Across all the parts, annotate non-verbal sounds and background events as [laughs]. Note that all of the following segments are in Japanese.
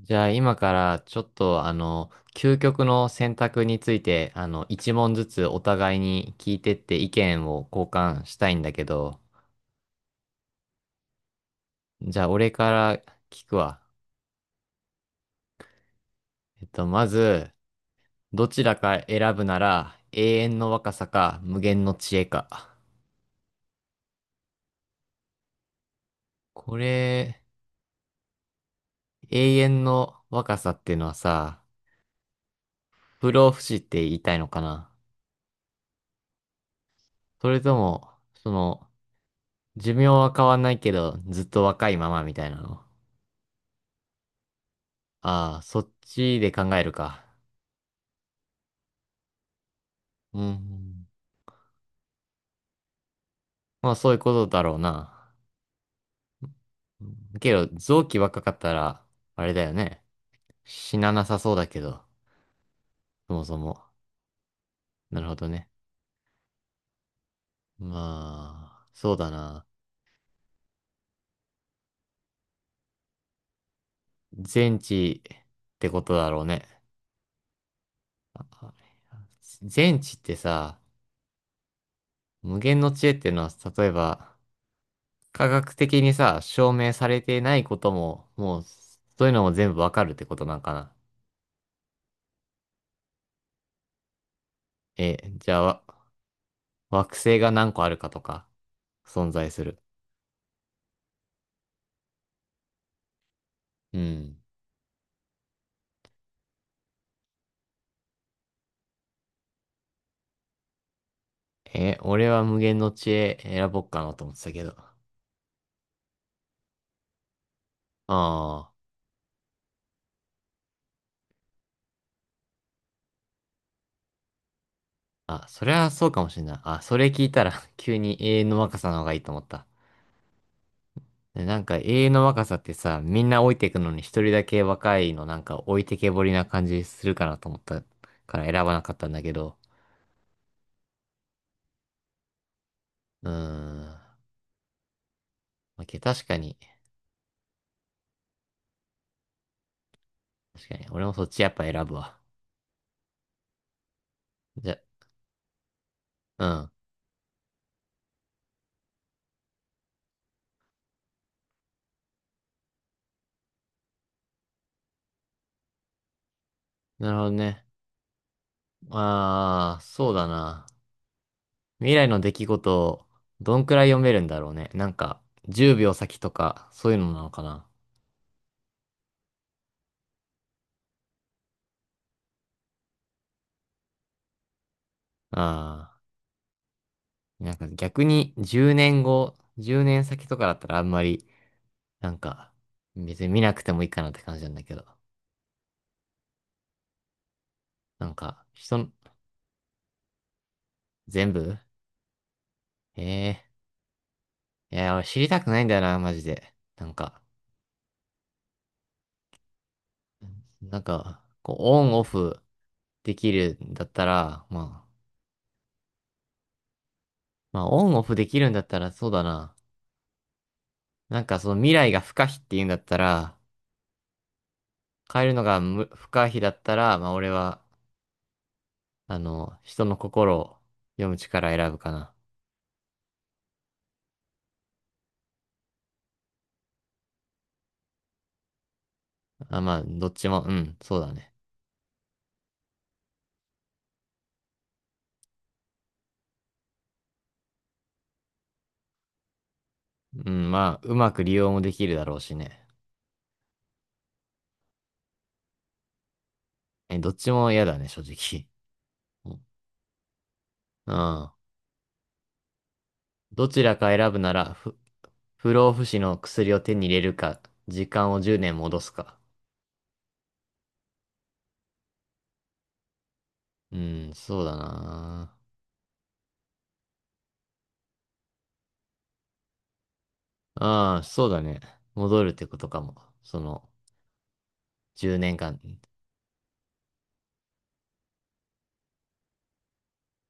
じゃあ今からちょっと究極の選択について、一問ずつお互いに聞いてって意見を交換したいんだけど、じゃあ俺から聞くわ。まず、どちらか選ぶなら永遠の若さか無限の知恵か。これ、永遠の若さっていうのはさ、不老不死って言いたいのかな。それとも、その、寿命は変わんないけど、ずっと若いままみたいなの。ああ、そっちで考えるか。うん。まあそういうことだろうな。うんけど、臓器若かったら、あれだよね。死ななさそうだけど、そもそも。なるほどね。まあ、そうだな。全知ってことだろうね。あ全知ってさ、無限の知恵っていうのは、例えば、科学的にさ、証明されてないことも、もう、そういうのも全部わかるってことなんかな。え、じゃあ、惑星が何個あるかとか。存在する。うん。え、俺は無限の知恵選ぼっかなと思ってたけど。ああ。あ、それはそうかもしれない。あ、それ聞いたら [laughs] 急に永遠の若さの方がいいと思った。でなんか永遠の若さってさ、みんな老いていくのに一人だけ若いのなんか置いてけぼりな感じするかなと思ったから選ばなかったんだけど。うーん。まあ確かに。確かに。俺もそっちやっぱ選ぶわ。じゃ、うん。なるほどね。ああ、そうだな。未来の出来事をどんくらい読めるんだろうね。なんか、10秒先とか、そういうのなのかな。ああ、なんか逆に10年後、10年先とかだったらあんまり、なんか、別に見なくてもいいかなって感じなんだけど。なんか、人の、全部。ええー、いや、俺知りたくないんだよな、マジで。なんか、こう、オンオフできるんだったら、まあ、オンオフできるんだったら、そうだな。なんかその未来が不可避っていうんだったら、変えるのが不可避だったら、まあ俺は、人の心を読む力選ぶかな。あ、まあ、どっちも、うん、そうだね。うん、まあ、うまく利用もできるだろうしね。え、どっちも嫌だね、正直。うん。どちらか選ぶなら、不老不死の薬を手に入れるか、時間を10年戻すか。うん、そうだな。ああ、そうだね。戻るってことかも。その、10年間。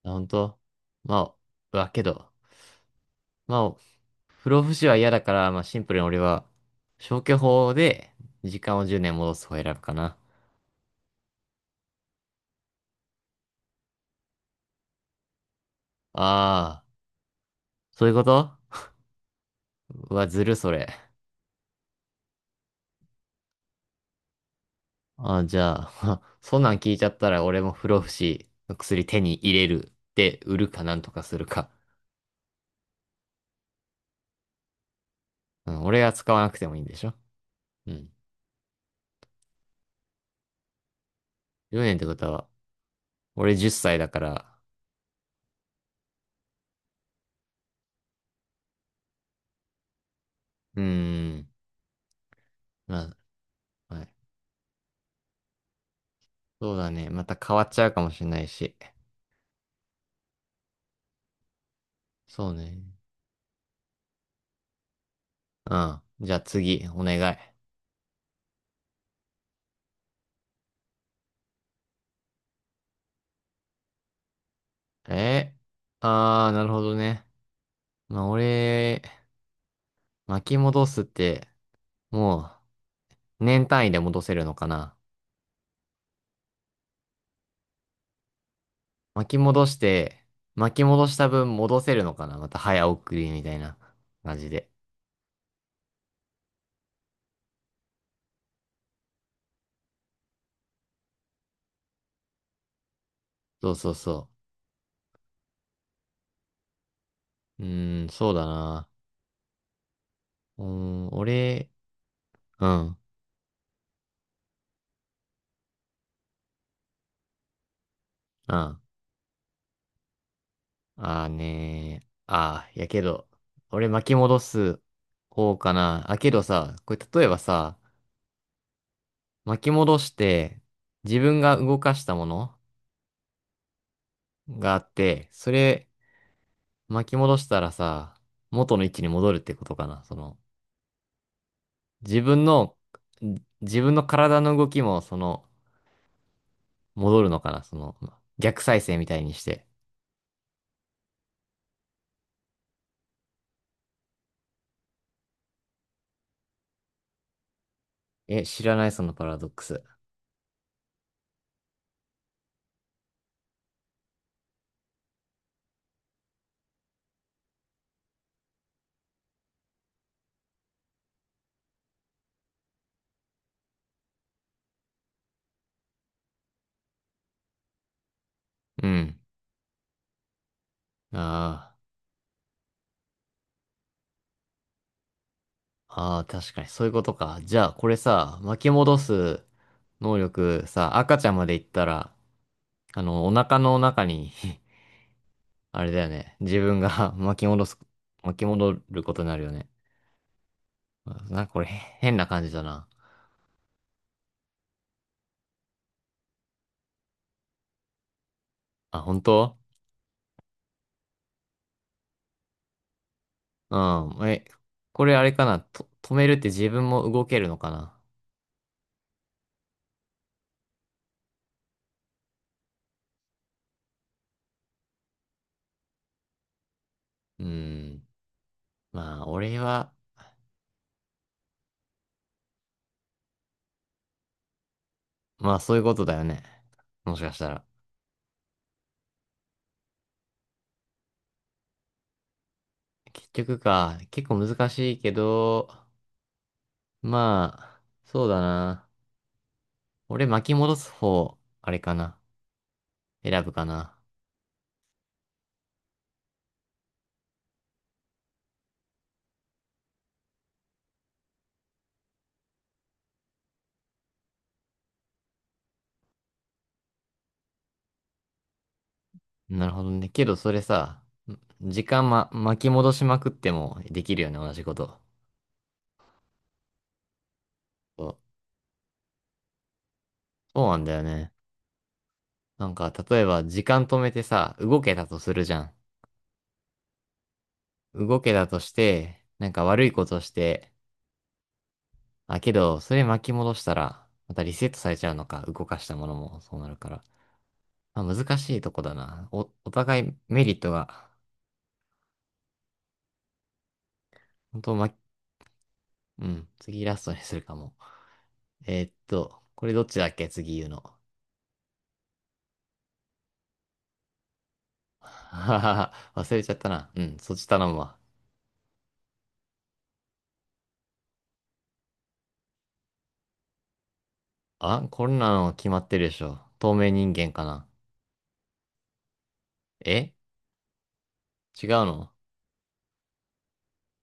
あ、本当？まあ、けど、まあ、不老不死は嫌だから、まあシンプルに俺は消去法で時間を10年戻す方を選ぶかな。ああ、そういうこと。うわ、ずるそれ。じゃあ、[laughs] そんなん聞いちゃったら俺も不老不死の薬手に入れるで売るかなんとかするか。うん、俺が使わなくてもいいんでしょ？うん。1年ってことは、俺10歳だから、うーん、まあ、はい。そうだね。また変わっちゃうかもしれないし。そうね。うん。じゃあ次、お願い。えああー、なるほどね。まあ、俺、巻き戻すって、も年単位で戻せるのかな。巻き戻して、巻き戻した分戻せるのかな。また早送りみたいな感じで。そうそうそう。うーん、そうだな。うーん、俺、うん、うん。あーねー。やけど、俺巻き戻す方かな。あ、けどさ、これ例えばさ、巻き戻して、自分が動かしたものがあって、それ巻き戻したらさ、元の位置に戻るってことかな。自分の、自分の体の動きも、戻るのかな。その、逆再生みたいにして。え、知らない、そのパラドックス。うん。ああ、ああ、確かに、そういうことか。じゃあ、これさ、巻き戻す能力さ、赤ちゃんまで行ったら、お腹の中に [laughs] あれだよね。自分が [laughs] 巻き戻ることになるよね。なんかこれ変な感じだな。あ、本当？うん。え、これあれかな。止めるって自分も動けるのかな。うーん。まあ、俺は、まあそういうことだよね。もしかしたら。結局か、結構難しいけど、まあ、そうだな。俺巻き戻す方、あれかな。選ぶかな。なるほどね。けどそれさ、時間、巻き戻しまくってもできるよね、同じこと。そうそうなんだよね。なんか、例えば時間止めてさ、動けたとするじゃん。動けたとして、なんか悪いことして、あ、けど、それ巻き戻したら、またリセットされちゃうのか、動かしたものもそうなるから。まあ、難しいとこだな。お互いメリットが、本当ま、うん、次ラストにするかも。これどっちだっけ次言うの。はははは忘れちゃったな。うん、そっち頼むわ。あ、こんなの決まってるでしょ。透明人間かな。え。違うの？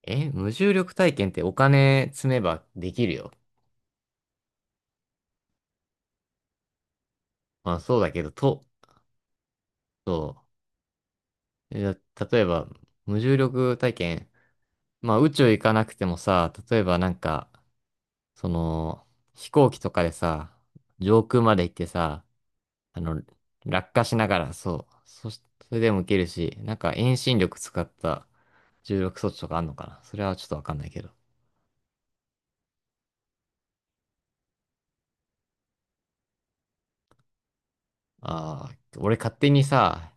無重力体験ってお金積めばできるよ。まあそうだけど、そう。例えば、無重力体験、まあ宇宙行かなくてもさ、例えばなんか、その、飛行機とかでさ、上空まで行ってさ、あの、落下しながら、そう。それでも受けるし、なんか遠心力使った重力装置とかあんのかな。それはちょっとわかんないけど。ああ、俺勝手にさ、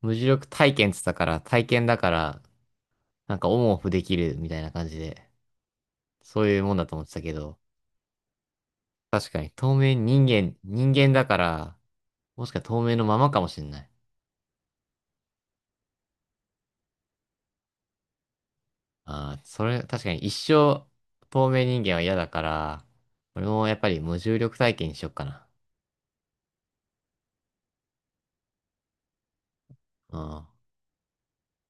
無重力体験っつったから、体験だから、なんかオンオフできるみたいな感じで、そういうもんだと思ってたけど、確かに透明人間、人間だから、もしか透明のままかもしんない。ああ、それ、確かに一生透明人間は嫌だから、俺もやっぱり無重力体験にしよっかな。うん。